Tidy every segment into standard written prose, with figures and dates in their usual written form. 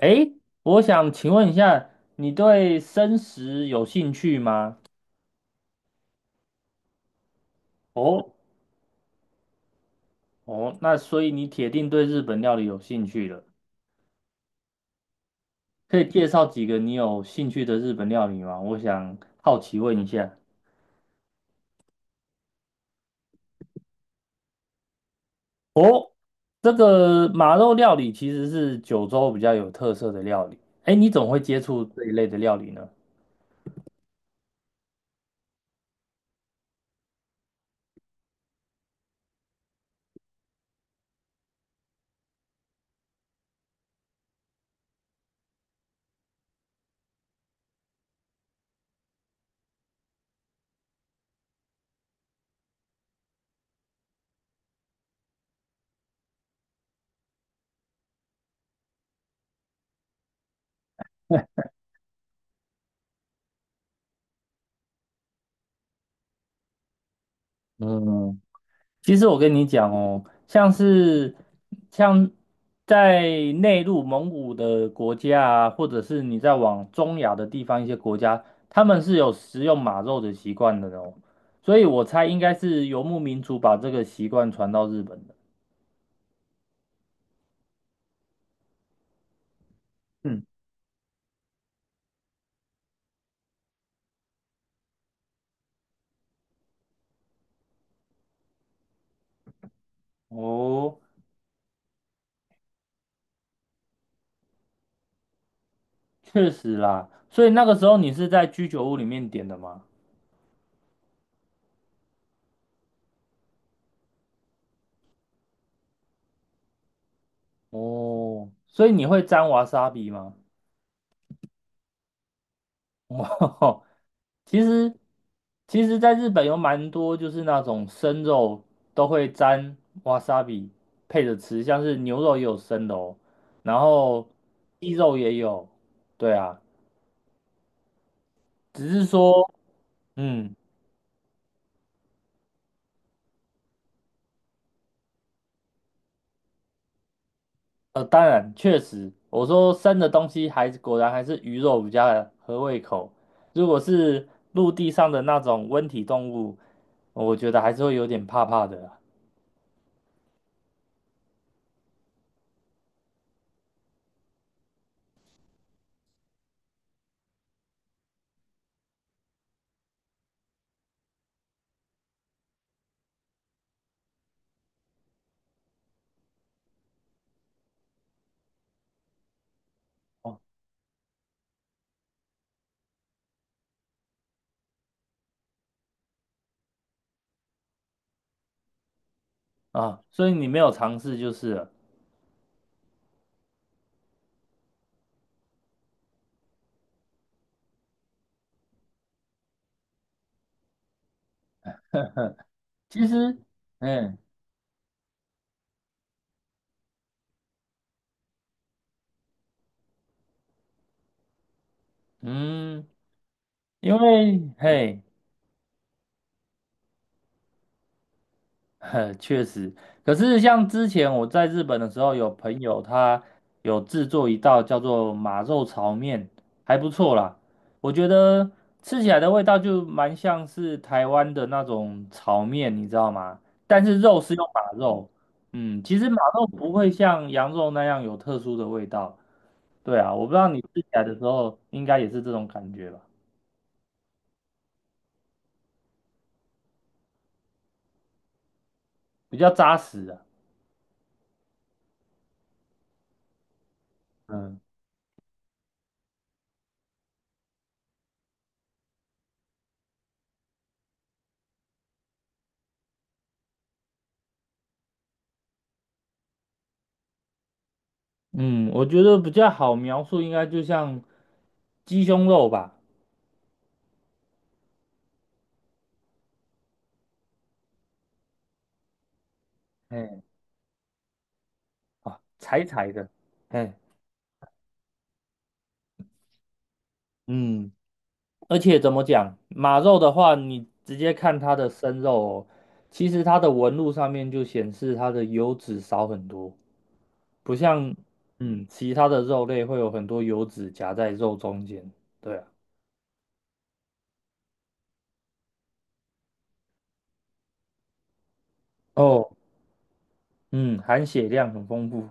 诶，我想请问一下，你对生食有兴趣吗？哦哦，那所以你铁定对日本料理有兴趣了。可以介绍几个你有兴趣的日本料理吗？我想好奇问一下，这个马肉料理其实是九州比较有特色的料理。诶，你怎么会接触这一类的料理呢？嗯，其实我跟你讲哦，像是像在内陆蒙古的国家啊，或者是你在往中亚的地方一些国家，他们是有食用马肉的习惯的哦，所以我猜应该是游牧民族把这个习惯传到日本的。嗯，哦，确实啦，所以那个时候你是在居酒屋里面点的吗？哦，所以你会沾瓦萨比吗？哇，其实其实在日本有蛮多就是那种生肉都会沾 wasabi 配着吃，像是牛肉也有生的哦，然后鸡肉也有，对啊，只是说，嗯，当然确实，我说生的东西还是果然还是鱼肉比较合胃口，如果是陆地上的那种温体动物，我觉得还是会有点怕怕的啦。哦啊，所以你没有尝试就是了。其实，嗯嗯，因为嘿，呵，确实，可是像之前我在日本的时候，有朋友他有制作一道叫做马肉炒面，还不错啦。我觉得吃起来的味道就蛮像是台湾的那种炒面，你知道吗？但是肉是用马肉，嗯，其实马肉不会像羊肉那样有特殊的味道。对啊，我不知道你吃起来的时候应该也是这种感觉吧，比较扎实啊。嗯。嗯，我觉得比较好描述，应该就像鸡胸肉吧，哎，啊，柴柴的，哎，嗯，而且怎么讲，马肉的话，你直接看它的生肉哦，其实它的纹路上面就显示它的油脂少很多，不像其他的肉类会有很多油脂夹在肉中间，对啊，哦，嗯，含血量很丰富，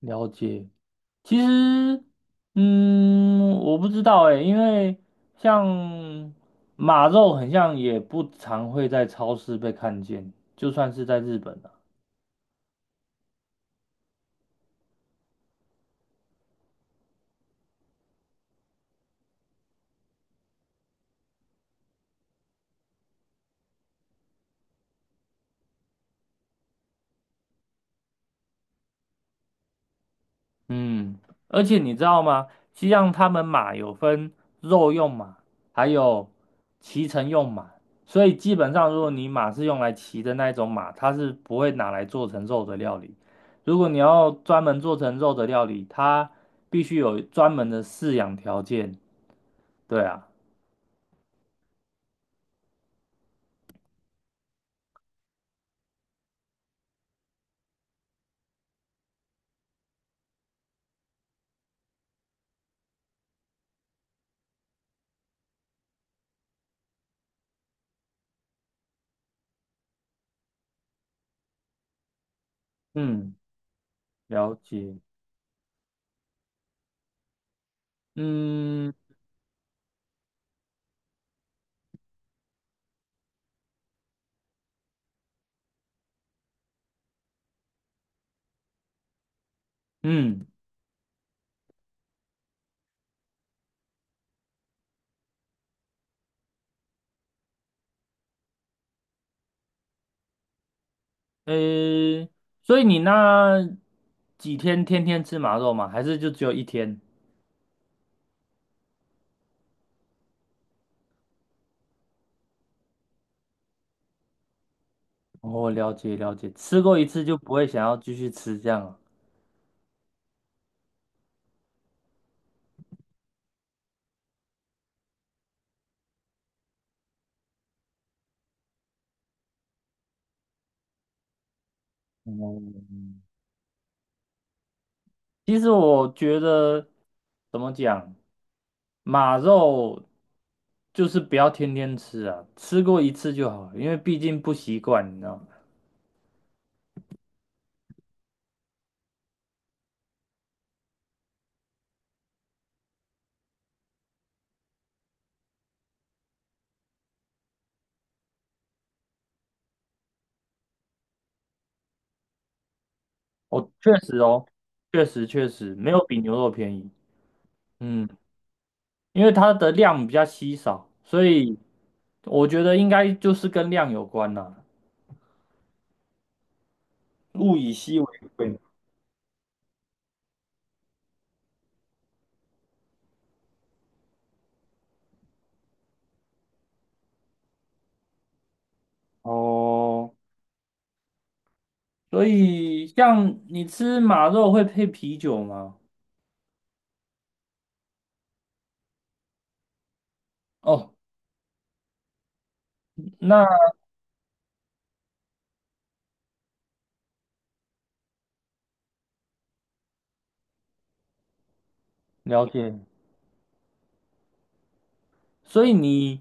了解。其实，嗯，我不知道哎，因为像马肉，很像也不常会在超市被看见，就算是在日本啊。嗯，而且你知道吗？西藏他们马有分肉用马，还有骑乘用马，所以基本上如果你马是用来骑的那一种马，它是不会拿来做成肉的料理。如果你要专门做成肉的料理，它必须有专门的饲养条件。对啊。嗯，了解。嗯嗯，诶，所以你那几天天天吃马肉吗？还是就只有一天？哦，了解了解，吃过一次就不会想要继续吃这样啊。嗯，其实我觉得怎么讲，马肉就是不要天天吃啊，吃过一次就好了，因为毕竟不习惯，你知道吗？哦，确实哦，确实没有比牛肉便宜。嗯。因为它的量比较稀少，所以我觉得应该就是跟量有关啦。物以稀为贵。哦，所以像你吃马肉会配啤酒吗？哦，那了解。所以你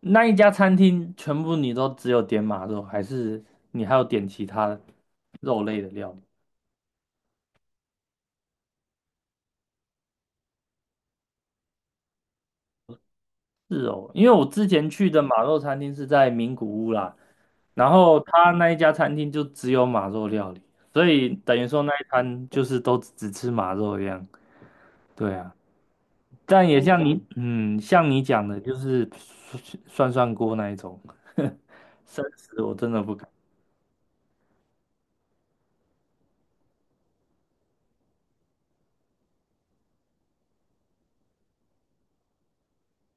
那一家餐厅全部你都只有点马肉，还是你还有点其他肉类的料理？是哦，因为我之前去的马肉餐厅是在名古屋啦，然后他那一家餐厅就只有马肉料理，所以等于说那一餐就是都只吃马肉一样。对啊，但也像你，嗯，像你讲的，就是涮涮锅那一种，生食我真的不敢。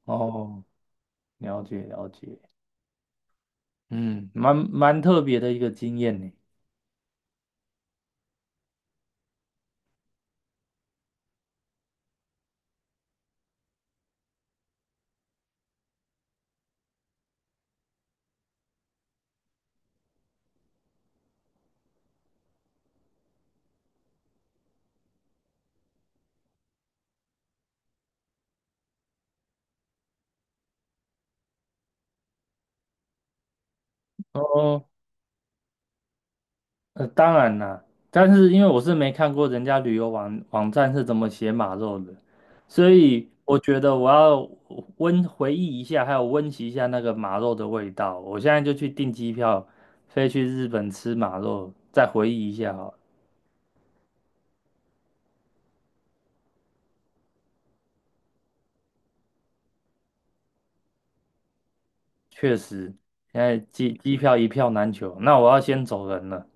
哦，了解了解，嗯，蛮蛮特别的一个经验呢。哦呃，当然啦，但是因为我是没看过人家旅游网站是怎么写马肉的，所以我觉得我要温回忆一下，还有温习一下那个马肉的味道。我现在就去订机票，飞去日本吃马肉，再回忆一下哈。确实，现在机票一票难求，那我要先走人了。